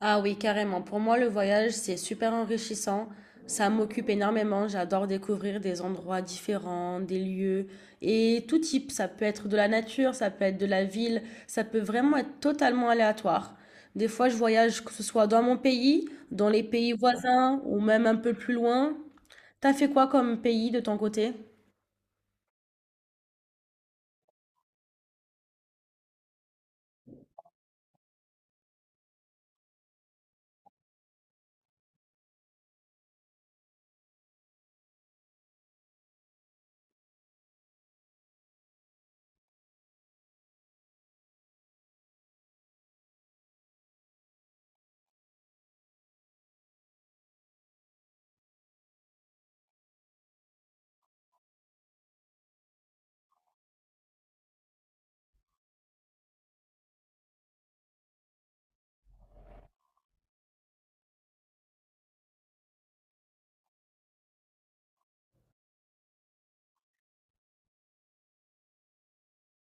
Ah oui, carrément. Pour moi, le voyage, c'est super enrichissant. Ça m'occupe énormément. J'adore découvrir des endroits différents, des lieux et tout type. Ça peut être de la nature, ça peut être de la ville, ça peut vraiment être totalement aléatoire. Des fois, je voyage, que ce soit dans mon pays, dans les pays voisins ou même un peu plus loin. T'as fait quoi comme pays de ton côté?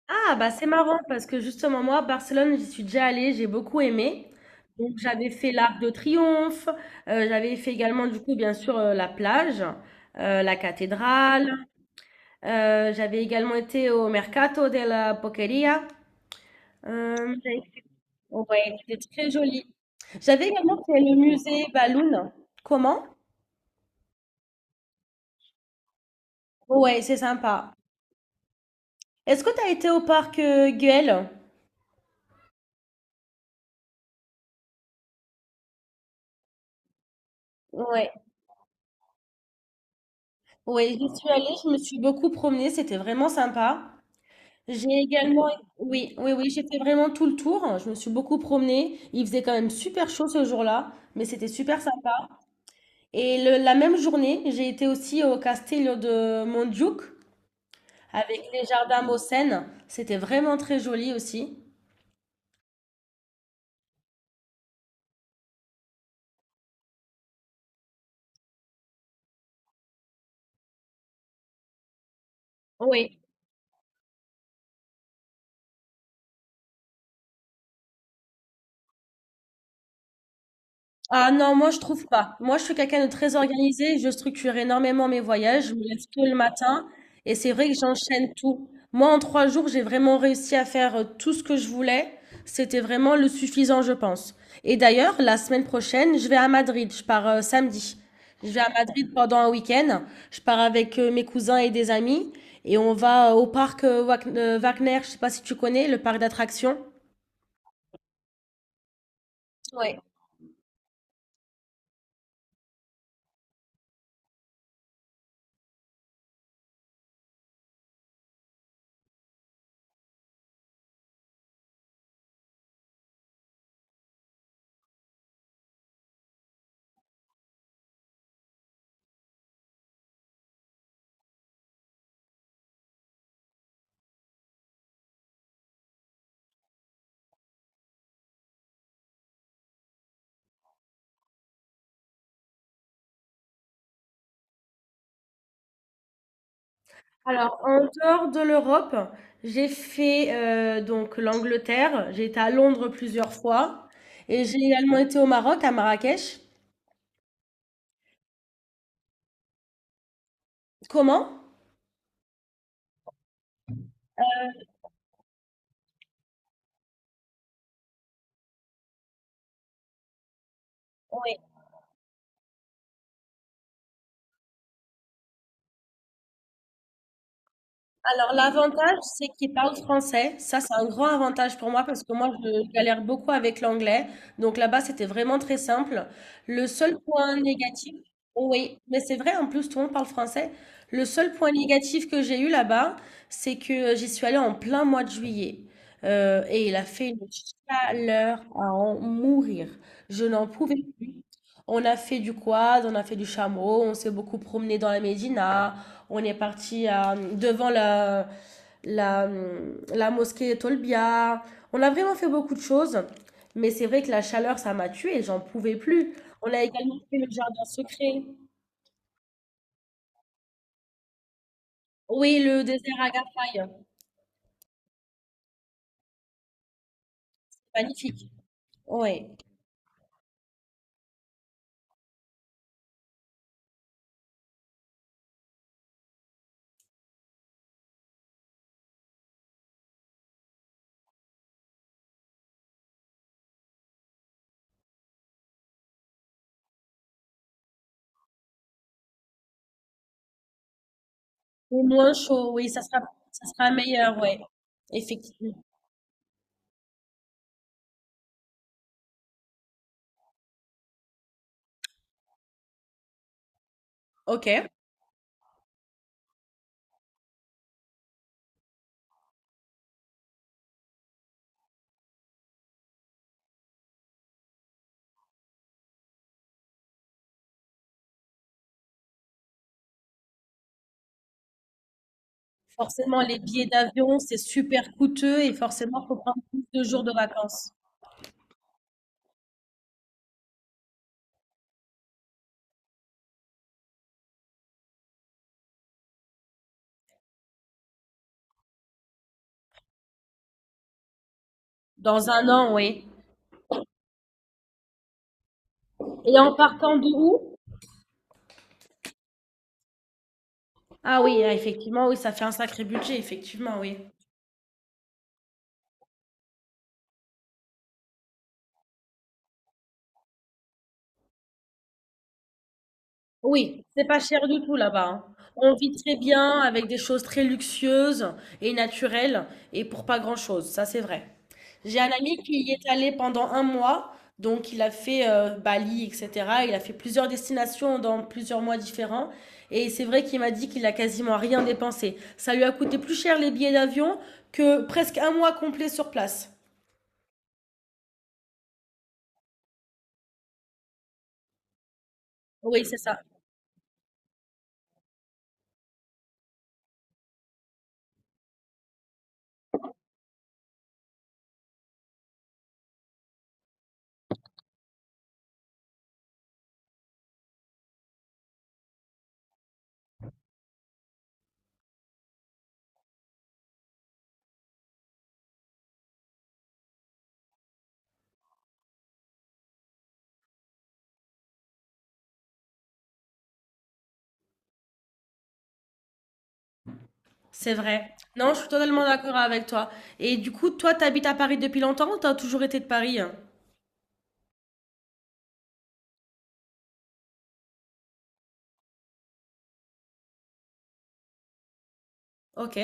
Ah, bah c'est marrant parce que justement, moi, Barcelone, j'y suis déjà allée, j'ai beaucoup aimé. Donc, j'avais fait l'Arc de Triomphe, j'avais fait également, du coup, bien sûr, la plage, la cathédrale, j'avais également été au Mercato de la Boqueria. Euh, j'avais- ouais, c'était très joli. J'avais également fait le musée Balloon. Comment? Ouais, c'est sympa. Est-ce que tu as été au parc Güell? Ouais, ouais, j'y suis allée, je me suis beaucoup promenée, c'était vraiment sympa. J'ai également, oui, oui, oui, j'ai fait vraiment tout le tour. Je me suis beaucoup promenée. Il faisait quand même super chaud ce jour-là, mais c'était super sympa. La même journée, j'ai été aussi au Castello de Montjuïc avec les jardins Mossen. C'était vraiment très joli aussi. Oui. Ah non, moi je trouve pas. Moi je suis quelqu'un de très organisé, je structure énormément mes voyages, je me lève tôt le matin et c'est vrai que j'enchaîne tout. Moi en trois jours, j'ai vraiment réussi à faire tout ce que je voulais. C'était vraiment le suffisant, je pense. Et d'ailleurs, la semaine prochaine, je vais à Madrid, je pars samedi. Je vais à Madrid pendant un week-end. Je pars avec mes cousins et des amis et on va au parc Wagner, je sais pas si tu connais, le parc d'attractions. Ouais. Alors, en dehors de l'Europe, j'ai fait donc l'Angleterre, j'ai été à Londres plusieurs fois et j'ai également été au Maroc, à Marrakech. Comment? Alors, l'avantage, c'est qu'ils parlent français. Ça, c'est un grand avantage pour moi parce que moi, je galère beaucoup avec l'anglais. Donc là-bas, c'était vraiment très simple. Le seul point négatif, oh oui, mais c'est vrai, en plus, tout le monde parle français. Le seul point négatif que j'ai eu là-bas, c'est que j'y suis allée en plein mois de juillet. Et il a fait une chaleur à en mourir. Je n'en pouvais plus. On a fait du quad, on a fait du chameau, on s'est beaucoup promené dans la Médina. On est parti devant la, la mosquée Tolbia. On a vraiment fait beaucoup de choses, mais c'est vrai que la chaleur, ça m'a tuée, j'en pouvais plus. On a également fait le jardin secret. Oui, le désert à Agafay, magnifique. Oui, et moins chaud, oui, ça sera meilleur, oui, effectivement. Ok. Forcément, les billets d'avion, c'est super coûteux et forcément, il faut prendre plus de jours de vacances. Dans un an, oui. Et en partant de où? Ah oui, ah, effectivement, oui, ça fait un sacré budget, effectivement, oui. Oui, c'est pas cher du tout là-bas, hein. On vit très bien avec des choses très luxueuses et naturelles et pour pas grand-chose, ça c'est vrai. J'ai un ami qui y est allé pendant un mois, donc il a fait Bali, etc. Il a fait plusieurs destinations dans plusieurs mois différents et c'est vrai qu'il m'a dit qu'il a quasiment rien dépensé. Ça lui a coûté plus cher les billets d'avion que presque un mois complet sur place. Oui, c'est ça. C'est vrai. Non, je suis totalement d'accord avec toi. Et du coup, toi, t'habites à Paris depuis longtemps ou t'as toujours été de Paris, hein? Ok.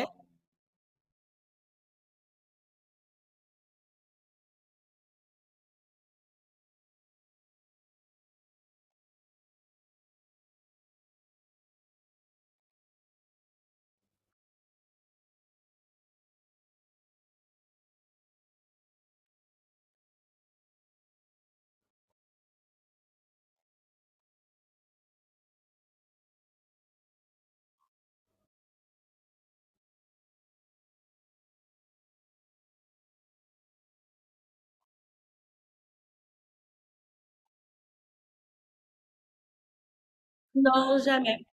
Non, jamais.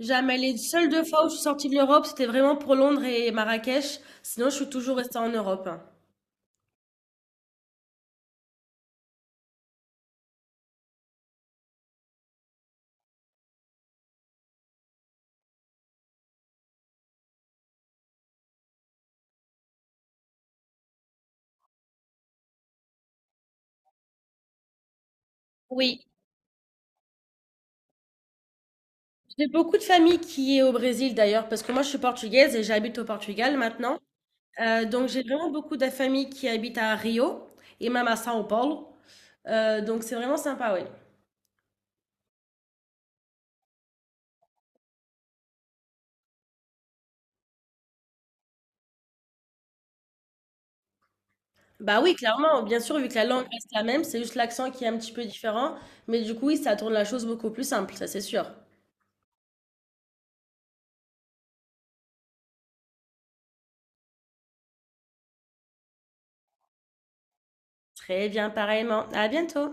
Jamais. Les seules deux fois où je suis sortie de l'Europe, c'était vraiment pour Londres et Marrakech. Sinon, je suis toujours restée en Europe, hein. Oui. J'ai beaucoup de famille qui est au Brésil d'ailleurs, parce que moi, je suis portugaise et j'habite au Portugal maintenant. Donc, j'ai vraiment beaucoup de famille qui habite à Rio et même à São Paulo. Donc, c'est vraiment sympa, oui. Bah oui, clairement, bien sûr, vu que la langue reste la même, c'est juste l'accent qui est un petit peu différent. Mais du coup, oui, ça tourne la chose beaucoup plus simple, ça c'est sûr. Très bien, pareillement. À bientôt.